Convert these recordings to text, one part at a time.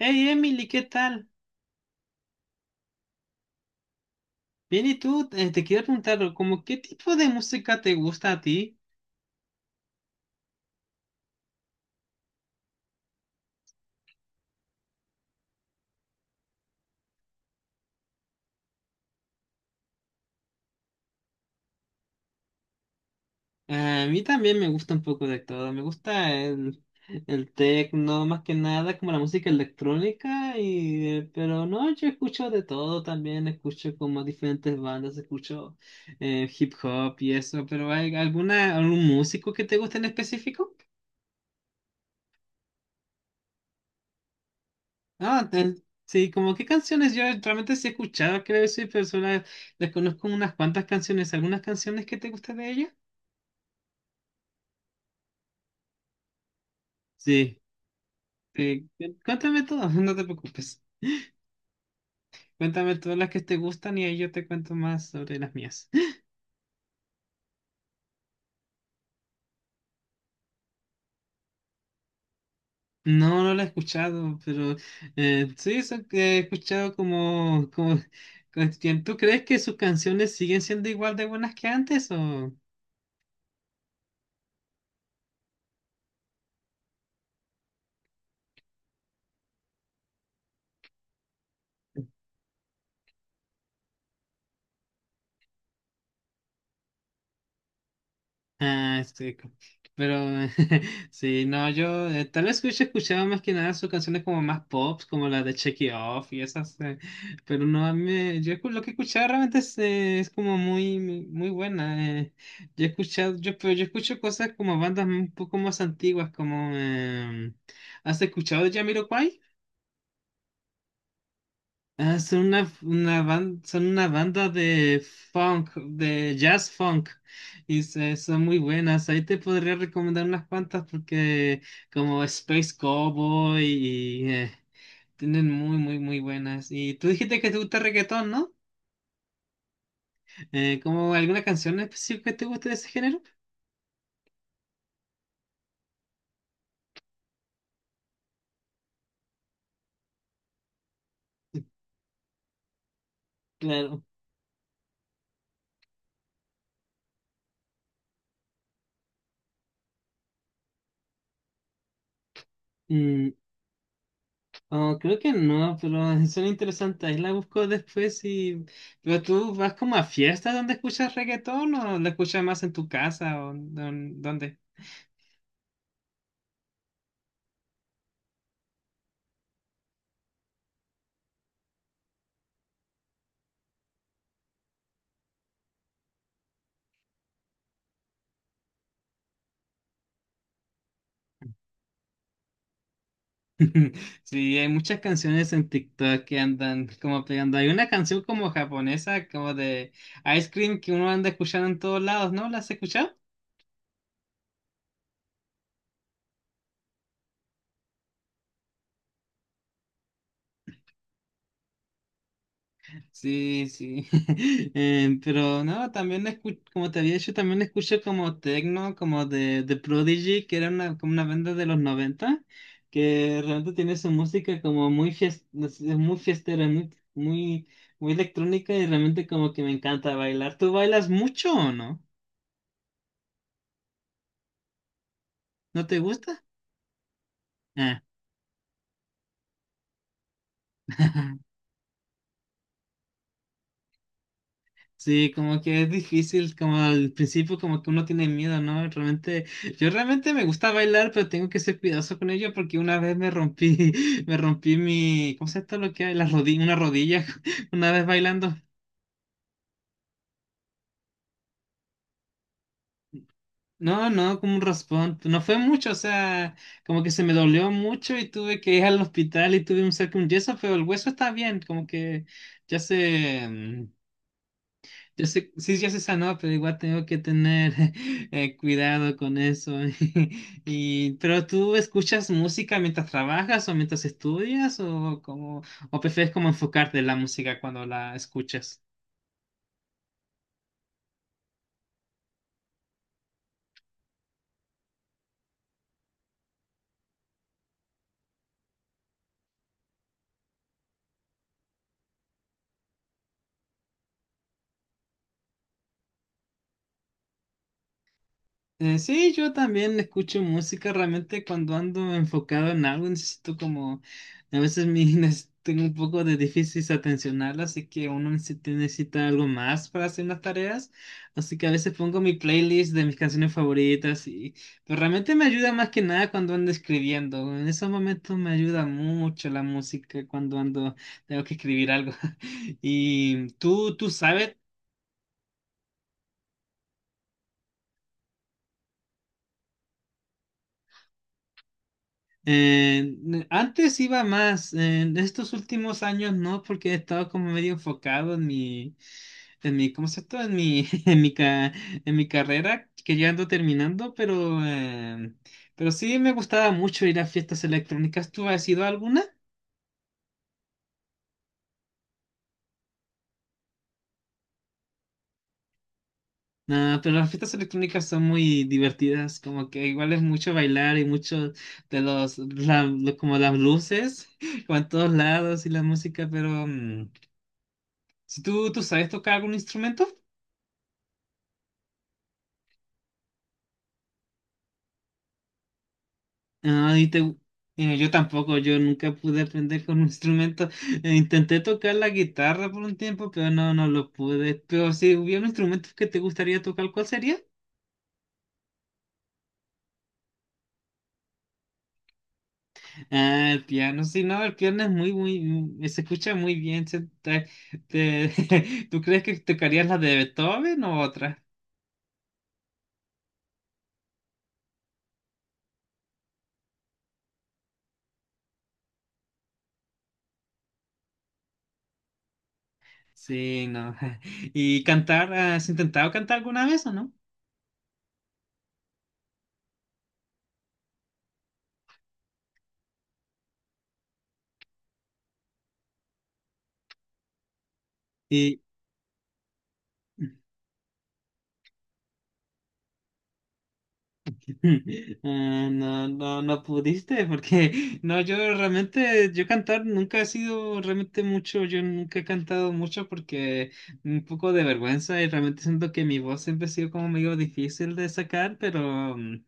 Hey Emily, ¿qué tal? Bien, ¿y tú? Te quiero preguntar, ¿como qué tipo de música te gusta a ti? A mí también me gusta un poco de todo, me gusta el techno, más que nada, como la música electrónica, y, pero no, yo escucho de todo también, escucho como diferentes bandas, escucho hip hop y eso. Pero ¿hay alguna, algún músico que te guste en específico? Ah, sí, como qué canciones yo realmente sí he escuchado. Creo que soy persona, les conozco unas cuantas canciones, algunas canciones que te gustan de ella. Sí, cuéntame todas, no te preocupes. Cuéntame todas las que te gustan y ahí yo te cuento más sobre las mías. No, no la he escuchado, pero sí, eso que he escuchado ¿tú crees que sus canciones siguen siendo igual de buenas que antes o? Ah, este, pero sí, no, yo tal vez hubiese escuchado más que nada sus canciones como más pop, como la de Check It Off y esas. Pero no, a mí me- yo escu- lo que he escuchado realmente es como muy, muy buena. Yo he escuchado, yo, pero yo escucho cosas como bandas un poco más antiguas, como, ¿has escuchado de Jamiroquai? Ah, son son una banda de funk, de jazz funk. Son muy buenas. Ahí te podría recomendar unas cuantas, porque como Space Cowboy y tienen muy, muy, muy buenas. Y tú dijiste que te gusta reggaetón, ¿no? ¿Como alguna canción específica que te guste de ese género? Claro. Oh, creo que no, pero son interesantes. Ahí la busco después y. ¿Pero tú vas como a fiestas donde escuchas reggaetón o la escuchas más en tu casa, o dónde? Sí, hay muchas canciones en TikTok que andan como pegando. Hay una canción como japonesa, como de Ice Cream que uno anda escuchando en todos lados, ¿no? ¿La has escuchado? Sí, sí. Pero no, también como te había dicho, también escuché como techno, como de Prodigy, que era una, como una banda de los 90 que realmente tiene su música como muy, no sé, muy fiestera, muy, muy, muy electrónica y realmente como que me encanta bailar. ¿Tú bailas mucho o no? ¿No te gusta? Ah. Sí, como que es difícil, como al principio como que uno tiene miedo, ¿no? Realmente, yo realmente me gusta bailar, pero tengo que ser cuidadoso con ello porque una vez me rompí, me rompí mi, ¿cómo se llama esto lo que hay? La rodilla, una rodilla, una vez bailando. No, no, como un raspón, no fue mucho, o sea, como que se me dolió mucho y tuve que ir al hospital y tuve un cerco, un yeso, pero el hueso está bien, como que ya se, Yo sé, sí, ya se sanó, pero igual tengo que tener cuidado con eso. Y, pero ¿tú escuchas música mientras trabajas o mientras estudias o como o prefieres como enfocarte en la música cuando la escuchas? Sí, yo también escucho música realmente cuando ando enfocado en algo, necesito como, a veces mi, tengo un poco de difícil atencional, así que uno necesita algo más para hacer las tareas, así que a veces pongo mi playlist de mis canciones favoritas y, pero realmente me ayuda más que nada cuando ando escribiendo, en esos momentos me ayuda mucho la música cuando ando, tengo que escribir algo. ¿Y tú sabes? Eh, Antes iba más, en estos últimos años no, porque he estado como medio enfocado en mi, ¿cómo se llama? En mi, en mi carrera, que ya ando terminando, pero sí me gustaba mucho ir a fiestas electrónicas. ¿Tú has ido a alguna? No, pero las fiestas electrónicas son muy divertidas, como que igual es mucho bailar y mucho de los, como las luces, como en todos lados y la música. Pero, ¿si tú sabes tocar algún instrumento? Ah, yo tampoco, yo nunca pude aprender con un instrumento. Intenté tocar la guitarra por un tiempo, pero no, no lo pude. Pero si hubiera un instrumento que te gustaría tocar, ¿cuál sería? Ah, el piano. Sí, no, el piano es muy, muy, se escucha muy bien. ¿Tú crees que tocarías la de Beethoven o otra? Sí, no. ¿Y cantar? ¿Has intentado cantar alguna vez o no? Y Ah, no, no, no pudiste, porque no, yo realmente, yo cantar nunca he sido realmente mucho, yo nunca he cantado mucho porque un poco de vergüenza y realmente siento que mi voz siempre ha sido como medio difícil de sacar, pero,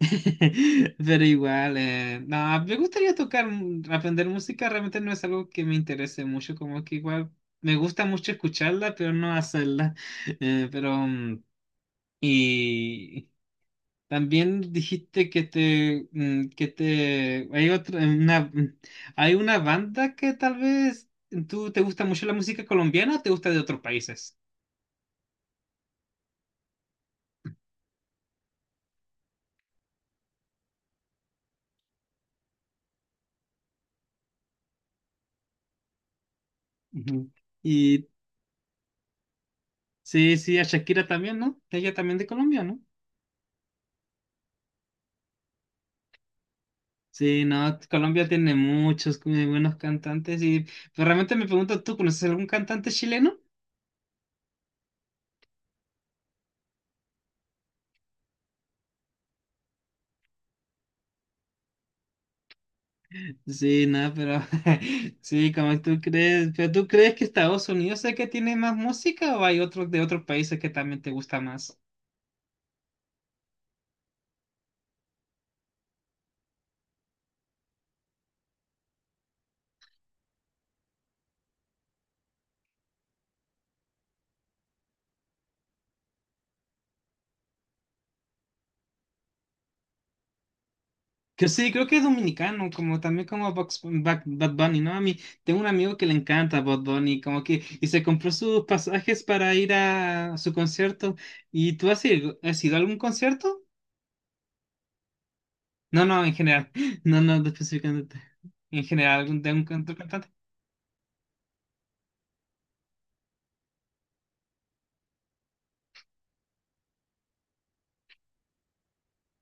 pero igual, no, me gustaría tocar, aprender música realmente no es algo que me interese mucho, como que igual me gusta mucho escucharla, pero no hacerla. Pero, y. También dijiste que te, que te, hay otra, una, hay una banda que tal vez tú te gusta mucho la música colombiana o te gusta de otros países. Ujú. Y sí, sí, a Shakira también, ¿no? Ella también de Colombia, ¿no? Sí, no, Colombia tiene muchos muy buenos cantantes y pero realmente me pregunto, ¿tú conoces algún cantante chileno? Sí, no, pero sí, como tú crees, pero ¿tú crees que Estados Unidos es el que tiene más música o hay otros de otros países que también te gusta más? Que sí, creo que es dominicano, como también como Bad Bunny, ¿no? A mí tengo un amigo que le encanta Bad Bunny, como que, y se compró sus pasajes para ir a su concierto. ¿Y tú has ido a algún concierto? No, no, en general. No, no, específicamente. En general, algún de un cantante.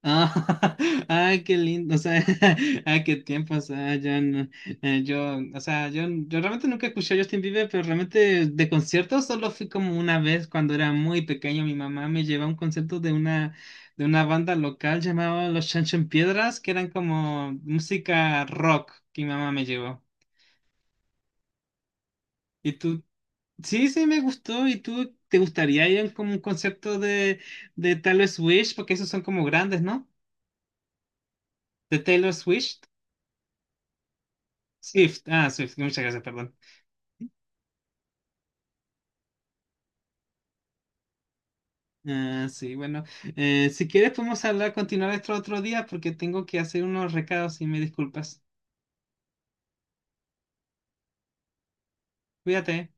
Ah, ay, qué lindo, o sea, ay, qué tiempo, o sea, yo, yo, o sea, yo realmente nunca escuché a Justin Bieber, pero realmente de conciertos solo fui como una vez cuando era muy pequeño. Mi mamá me llevó a un concierto de una banda local llamada Los Chancho Piedras, que eran como música rock que mi mamá me llevó. Y tú, sí, sí, me gustó. Y tú, ¿te gustaría ir a como un concierto de Taylor Swift? Porque esos son como grandes, ¿no? De Taylor Swift. Swift, ah, Swift, muchas gracias, perdón. Ah, sí, bueno, si quieres podemos hablar, continuar esto otro día porque tengo que hacer unos recados y me disculpas. Cuídate.